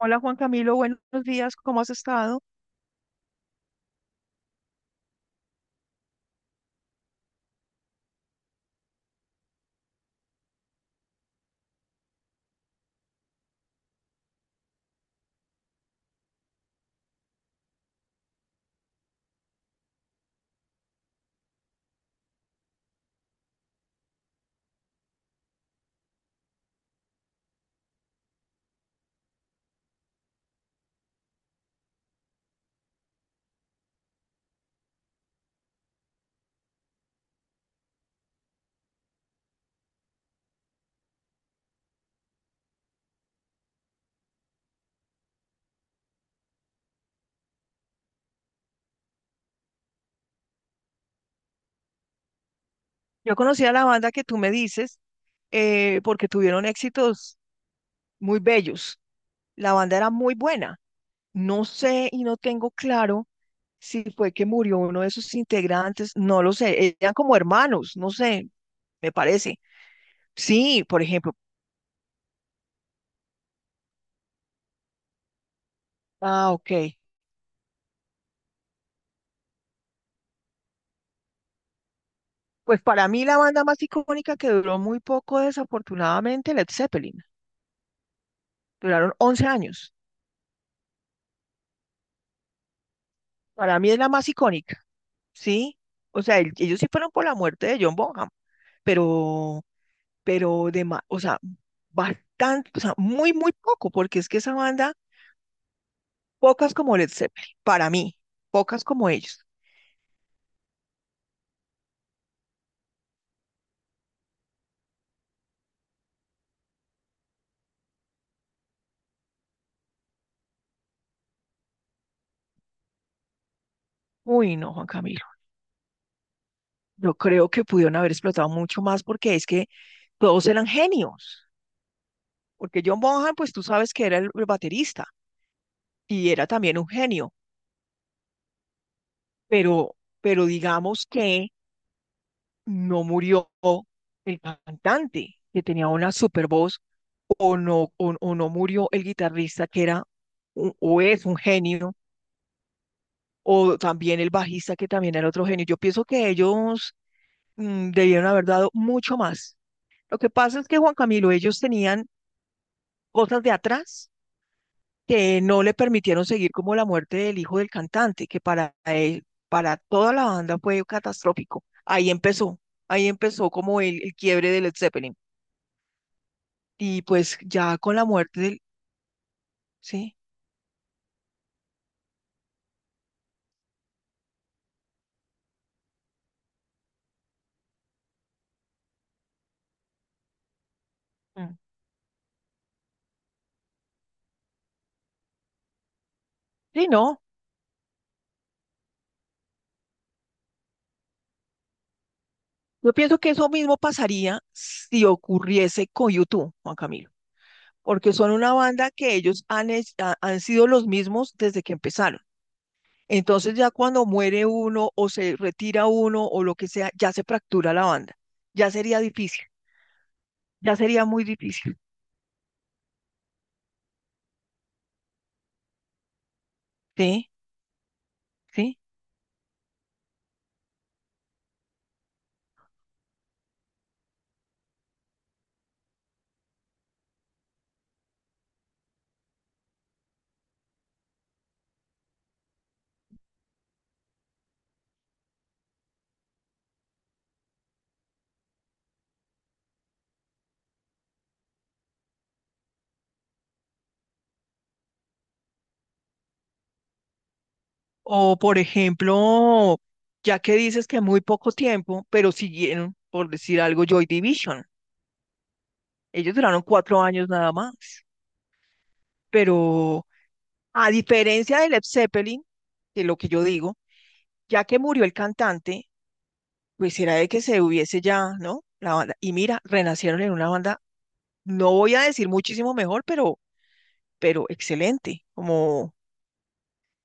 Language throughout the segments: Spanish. Hola Juan Camilo, buenos días, ¿cómo has estado? Yo conocí a la banda que tú me dices porque tuvieron éxitos muy bellos. La banda era muy buena. No sé y no tengo claro si fue que murió uno de sus integrantes, no lo sé. Eran como hermanos, no sé, me parece. Sí, por ejemplo. Ah, ok. Pues para mí la banda más icónica que duró muy poco, desafortunadamente, Led Zeppelin. Duraron 11 años. Para mí es la más icónica. Sí, o sea, ellos sí fueron por la muerte de John Bonham, pero, pero o sea, bastante, o sea, muy, muy poco, porque es que esa banda, pocas como Led Zeppelin, para mí, pocas como ellos. Uy, no, Juan Camilo, yo creo que pudieron haber explotado mucho más porque es que todos eran genios, porque John Bonham, pues tú sabes que era el baterista y era también un genio, pero, pero digamos que no murió el cantante que tenía una super voz o no, o no murió el guitarrista que era o es un genio o también el bajista que también era otro genio. Yo pienso que ellos debieron haber dado mucho más. Lo que pasa es que Juan Camilo, ellos tenían cosas de atrás que no le permitieron seguir como la muerte del hijo del cantante, que para él, para toda la banda fue catastrófico. Ahí empezó como el quiebre del Led Zeppelin. Y pues ya con la muerte del. Sí. Mm. Sí, no. Yo pienso que eso mismo pasaría si ocurriese con YouTube, Juan Camilo, porque son una banda que ellos han sido los mismos desde que empezaron. Entonces ya cuando muere uno o se retira uno o lo que sea, ya se fractura la banda. Ya sería difícil, ya sería muy difícil. ¿Sí? ¿Sí? O por ejemplo, ya que dices que muy poco tiempo, pero siguieron, por decir algo, Joy Division. Ellos duraron 4 años nada más, pero a diferencia de Led Zeppelin, de lo que yo digo, ya que murió el cantante, pues era de que se hubiese ya, ¿no? La banda. Y mira, renacieron en una banda, no voy a decir muchísimo mejor, pero excelente. Como,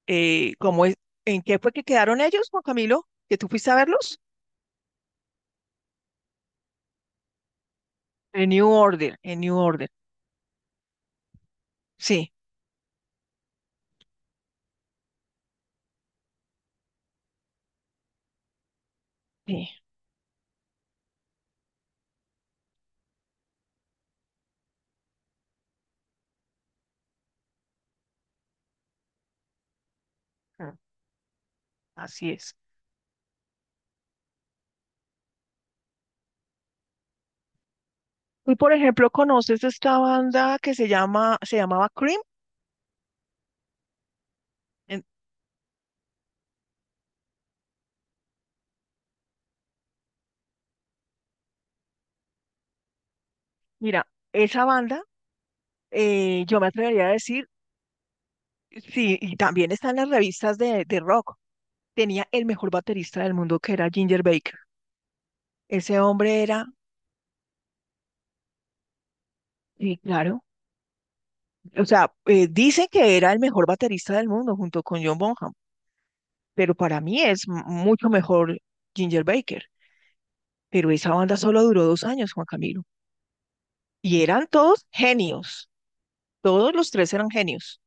como es, ¿en qué fue que quedaron ellos, Juan Camilo? ¿Que tú fuiste a verlos? En New Order, en New Order. Sí, sí, ah, así es. Tú, por ejemplo, conoces esta banda que se llama, se llamaba Cream. En- Mira, esa banda, yo me atrevería a decir, sí, y también está en las revistas de rock. Tenía el mejor baterista del mundo, que era Ginger Baker. Ese hombre era, sí, claro, o sea, dicen que era el mejor baterista del mundo junto con John Bonham, pero para mí es mucho mejor Ginger Baker. Pero esa banda solo duró 2 años, Juan Camilo, y eran todos genios, todos los tres eran genios.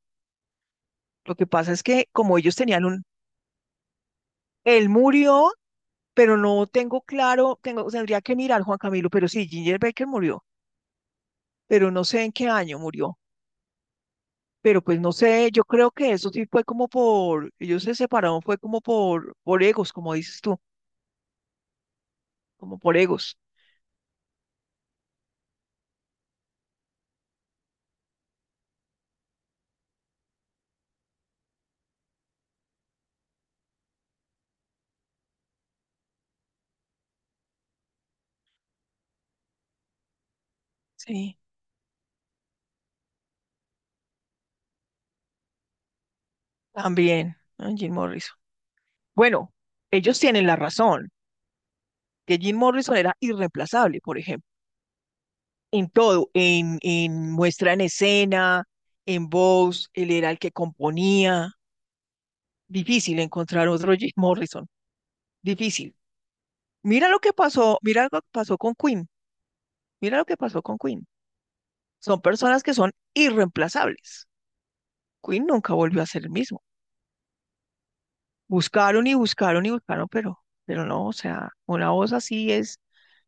Lo que pasa es que como ellos tenían un. Él murió pero no tengo claro, tendría que mirar Juan Camilo, pero sí, Ginger Baker murió, pero no sé en qué año murió. Pero pues no sé, yo creo que eso sí fue como por, ellos se separaron, fue como por egos, como dices tú, como por egos. Sí, también, ah, Jim Morrison. Bueno, ellos tienen la razón, que Jim Morrison era irreemplazable, por ejemplo, en todo, en muestra en escena, en voz, él era el que componía. Difícil encontrar otro Jim Morrison, difícil. Mira lo que pasó, mira lo que pasó con Queen, mira lo que pasó con Queen. Son personas que son irreemplazables. Queen nunca volvió a ser el mismo. Buscaron y buscaron y buscaron, pero no, o sea, una voz así es,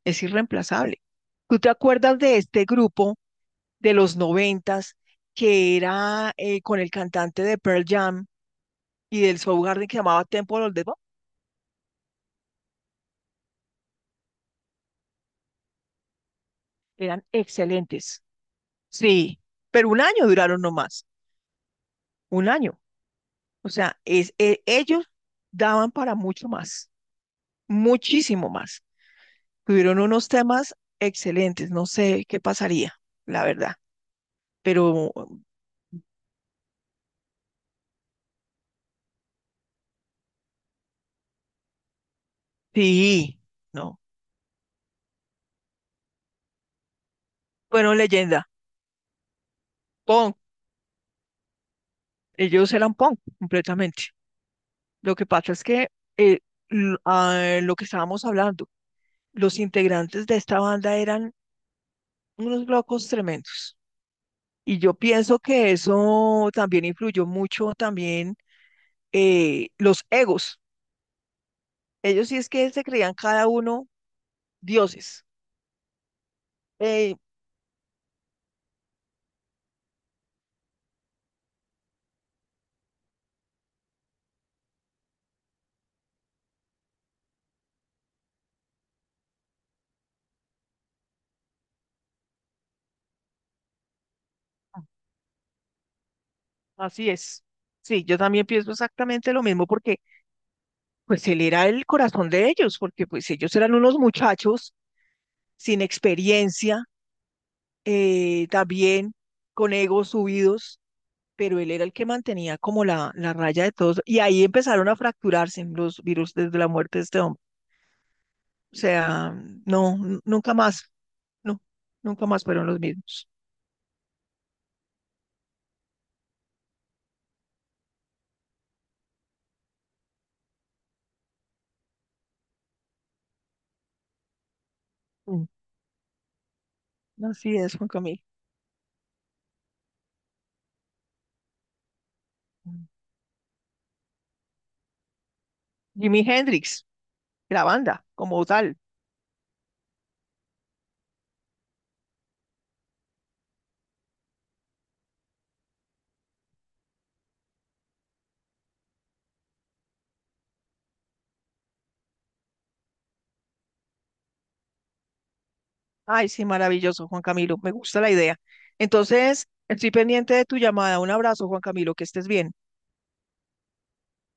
es irreemplazable. ¿Tú te acuerdas de este grupo de los noventas que era con el cantante de Pearl Jam y del Soundgarden que llamaba Temple of the Dog? Eran excelentes. Sí, pero un año duraron nomás, un año. O sea, ellos daban para mucho más, muchísimo más. Tuvieron unos temas excelentes, no sé qué pasaría, la verdad. Pero sí, no. Fueron leyenda, punk. Ellos eran punk completamente. Lo que pasa es que eh, lo que estábamos hablando, los integrantes de esta banda eran unos locos tremendos. Y yo pienso que eso también influyó mucho también los egos. Ellos sí es que se creían cada uno dioses. Eh, Así es. Sí, yo también pienso exactamente lo mismo porque pues él era el corazón de ellos, porque pues ellos eran unos muchachos sin experiencia, también con egos subidos, pero él era el que mantenía como la raya de todos. Y ahí empezaron a fracturarse los virus desde la muerte de este hombre. O sea, no, nunca más, no, nunca más fueron los mismos. Mm, así es, Juan Camilo. Mm. Jimi Hendrix. La banda como tal. Ay, sí, maravilloso, Juan Camilo, me gusta la idea. Entonces, estoy pendiente de tu llamada. Un abrazo, Juan Camilo, que estés bien.